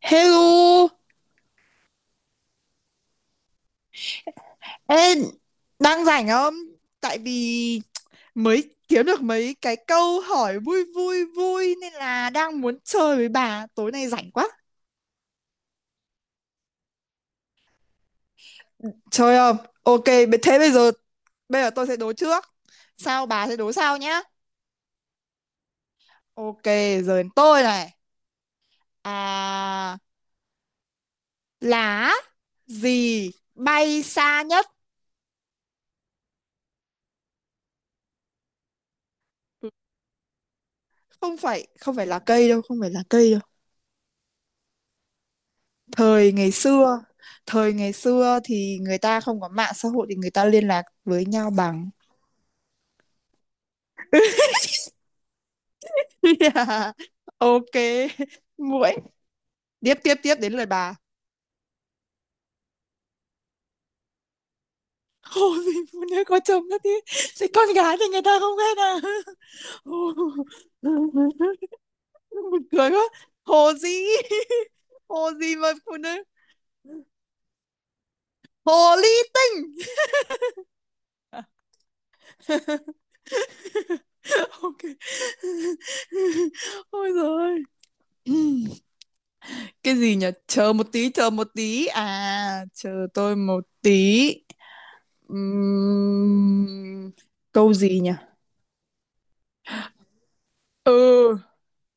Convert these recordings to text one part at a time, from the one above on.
Hello, ê, đang rảnh không? Tại vì mới kiếm được mấy cái câu hỏi vui vui vui nên là đang muốn chơi với bà. Tối nay rảnh quá. Chơi không? Ok, thế bây giờ tôi sẽ đố trước. Sao bà sẽ đố sau nhá. Ok, giờ đến tôi này. À, lá gì bay xa nhất? Không phải, không phải là cây đâu, không phải là cây đâu. thời ngày xưa Thời ngày xưa thì người ta không có mạng xã hội thì người ta liên lạc với nhau bằng... Yeah. Ok, muội, tiếp tiếp tiếp đến lời bà. Hồ gì phụ nữ có chồng đó thế? Thì con gái thì người ta không ghét à? Hồ- Buồn cười quá, hồ gì? Hồ gì mà phụ nữ? Hồ ly tinh. Ok, ôi rồi, cái gì nhỉ, chờ một tí, chờ một tí, à chờ tôi một tí. Ừm, Câu gì nhỉ? Ừ,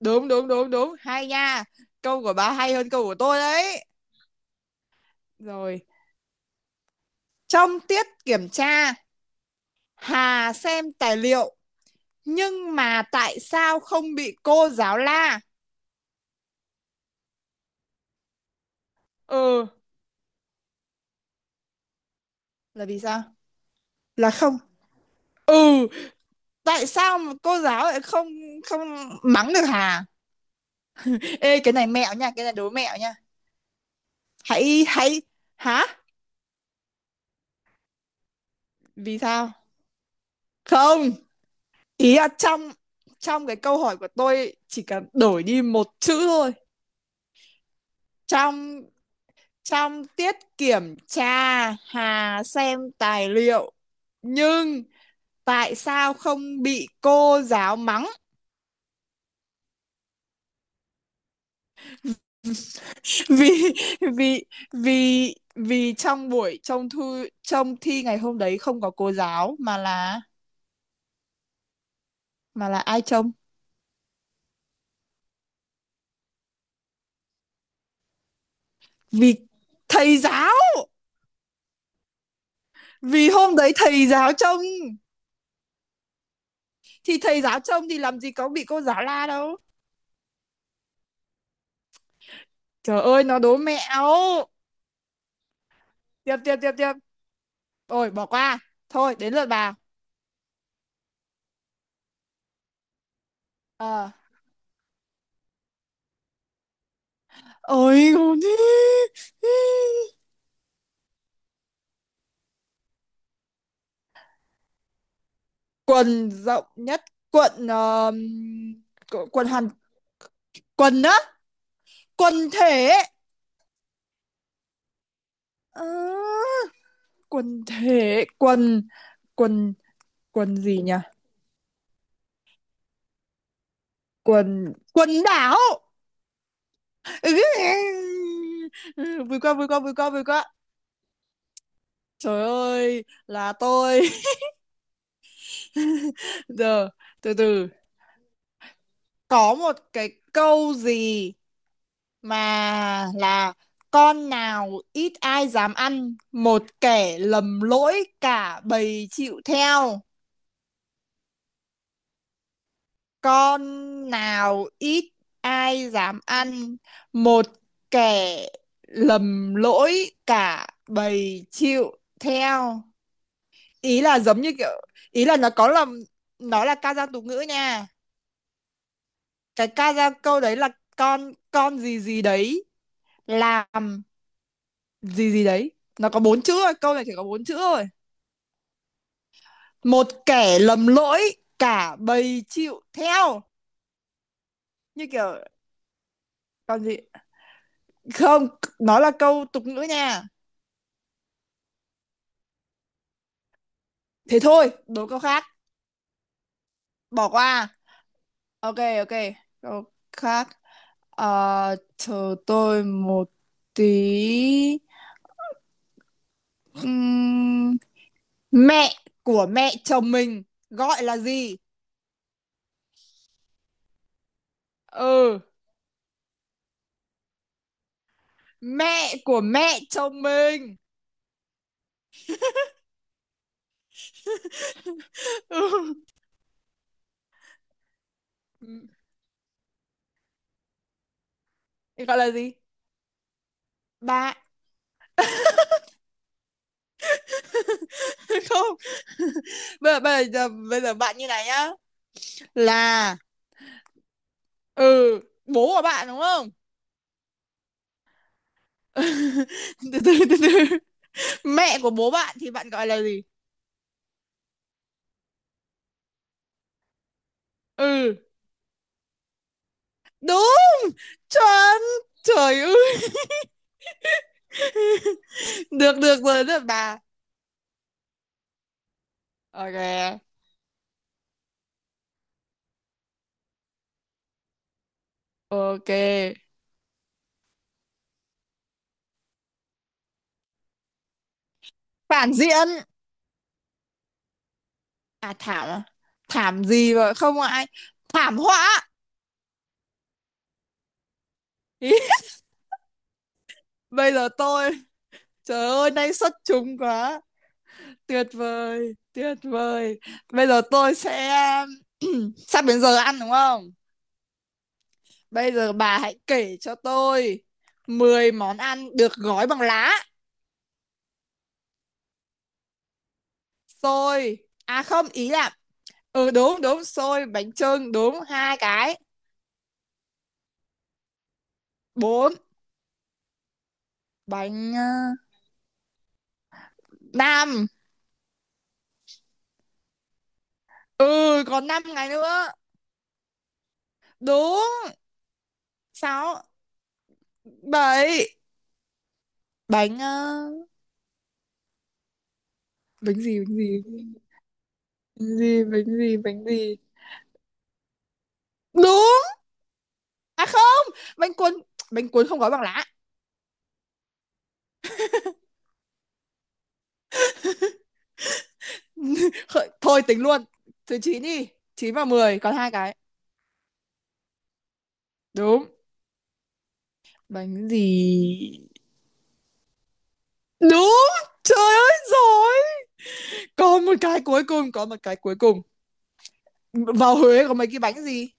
đúng đúng đúng đúng, hay nha. Câu của bà hay hơn câu của tôi đấy. Rồi, trong tiết kiểm tra Hà xem tài liệu nhưng mà tại sao không bị cô giáo la? Ừ, là vì sao? Là không, ừ, tại sao mà cô giáo lại không, không mắng được Hà? Ê cái này mẹo nha, cái này đố mẹo nha. Hãy hãy, hả? Vì sao không? Ý là trong, trong cái câu hỏi của tôi chỉ cần đổi đi một chữ thôi. Trong, trong tiết kiểm tra Hà xem tài liệu, nhưng tại sao không bị cô giáo mắng? Vì, vì vì trong buổi trông thư trông thi ngày hôm đấy không có cô giáo mà là, mà là ai trông? Vì thầy giáo, vì hôm đấy thầy giáo trông, thì thầy giáo trông thì làm gì có bị cô giáo la đâu. Trời ơi, nó đố mẹo. Tiếp tiếp tiếp tiếp, ôi bỏ qua, thôi đến lượt bà. ờ Ôi con đi. Quần rộng nhất. Quần quần hàn, quần á, quần thể. Ờ, quần thể, quần, quần, quần gì nhỉ? Quần, quần đảo. Ừ, ừ, ừ. Ừ, vui quá vui quá vui quá vui quá. Trời ơi là tôi. Giờ, từ từ. Có một cái câu gì mà là: con nào ít ai dám ăn, một kẻ lầm lỗi cả bầy chịu theo. Con nào ít ai dám ăn, một kẻ lầm lỗi cả bầy chịu theo. Ý là giống như kiểu, ý là nó có là, nó là ca dao tục ngữ nha. Cái ca dao câu đấy là con gì gì đấy làm gì gì đấy. Nó có bốn chữ thôi, câu này chỉ có bốn chữ thôi. Một kẻ lầm lỗi, cả bầy chịu theo, như kiểu. Còn gì? Không, nó là câu tục ngữ nha. Thế thôi, đố câu khác, bỏ qua. Ok ok, câu khác. Ờ, chờ tôi một tí. Ừm, Mẹ của mẹ chồng mình gọi là gì? Ừ, mẹ của mẹ chồng mình. Ừ. Ừ. Gọi là gì? Bạn. Không. Bây giờ, bây giờ bây giờ bạn như này nhá, là, ừ, bố của bạn đúng không? Từ từ từ từ, mẹ của bố bạn thì bạn gọi là gì? Ừ, đúng, chuẩn, trời ơi. Được, được rồi, được bà. Ok ok. Phản diện. À thảm à? Thảm gì mà không ai... Thảm họa. Ý, bây giờ tôi, trời ơi nay xuất chúng quá. Tuyệt vời tuyệt vời. Bây giờ tôi sẽ... Sắp đến giờ ăn đúng không? Bây giờ bà hãy kể cho tôi 10 món ăn được gói bằng lá. Xôi. À không ý là, ừ đúng đúng, xôi bánh chưng đúng, hai cái. Bốn. Bánh năm. Ừ còn 5 ngày nữa. Đúng. Sáu. Bảy. Bánh bánh gì bánh gì bánh gì? Bánh gì bánh gì? Đúng, à không, bánh cuốn, bánh cuốn không gói bằng lá. Thôi tính luôn, thứ chín đi, 9 và 10 còn hai cái. Đúng. Bánh gì? Đúng, trời ơi rồi. Còn một cái cuối cùng, có một cái cuối cùng. Vào Huế có mấy cái bánh gì.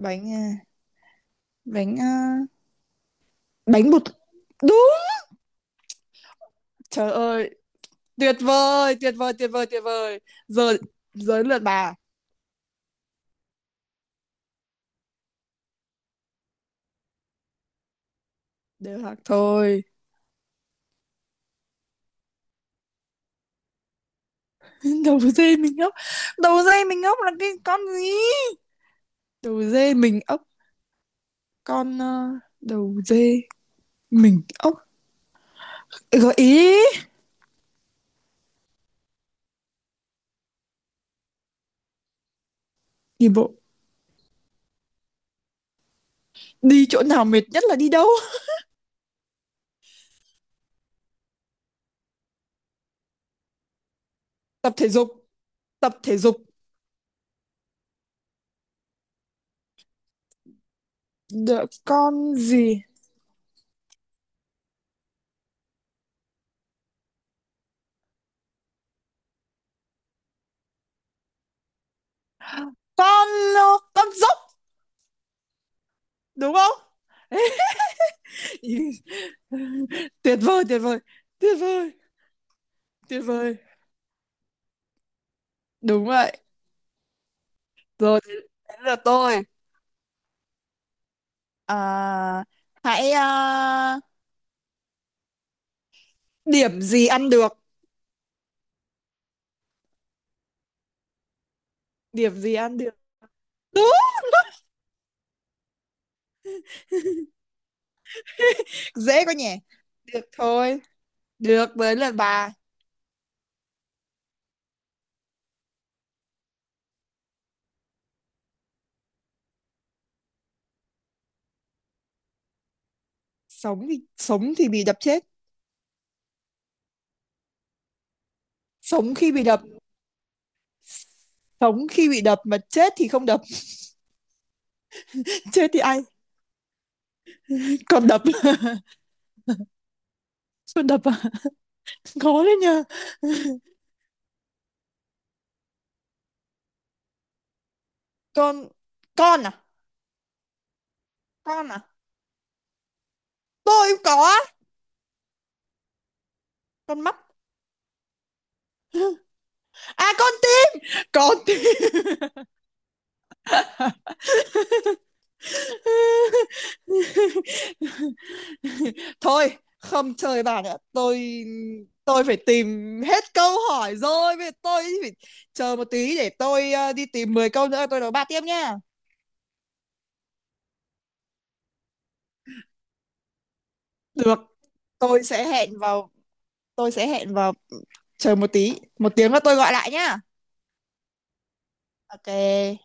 Bánh à, bánh à, bánh bột. Đúng, trời ơi, tuyệt vời tuyệt vời tuyệt vời tuyệt vời. Giờ, giờ lượt bà. Đều hoặc thôi. Đầu dê mình ốc. Đầu dê mình ốc là cái con gì? Đầu dê mình ốc. Con đầu dê mình ốc. Gợi ý. Đi bộ đi chỗ nào mệt nhất là đi đâu? Tập thể dục, tập thể dục. Đợi con gì. Con ờ, con dốc, đúng không? Tuyệt vời tuyệt vời tuyệt vời tuyệt vời. Đúng vậy. Rồi đến, đến lượt tôi. Ờ, hãy, điểm gì ăn được? Điểm gì ăn được? Đúng. Dễ quá nhỉ. Được thôi. Được với lần bà. Sống thì, sống thì bị đập chết. Sống khi bị đập. Sống khi bị đập mà chết thì không đập. Chết thì ai còn đập? Còn đập à? Khó đấy nhờ. con con à? Con à? Tôi cũng có á. Con mắt. À con tim, con tim. Thôi không chơi bà nữa tôi. Tôi phải tìm, hết câu hỏi rồi, bây giờ tôi phải chờ một tí để tôi, đi tìm 10 câu nữa tôi đấu bà tiếp nha. Được, tôi sẽ hẹn vào, tôi sẽ hẹn vào, chờ một tí, một tiếng nữa tôi gọi lại nhá. Ok.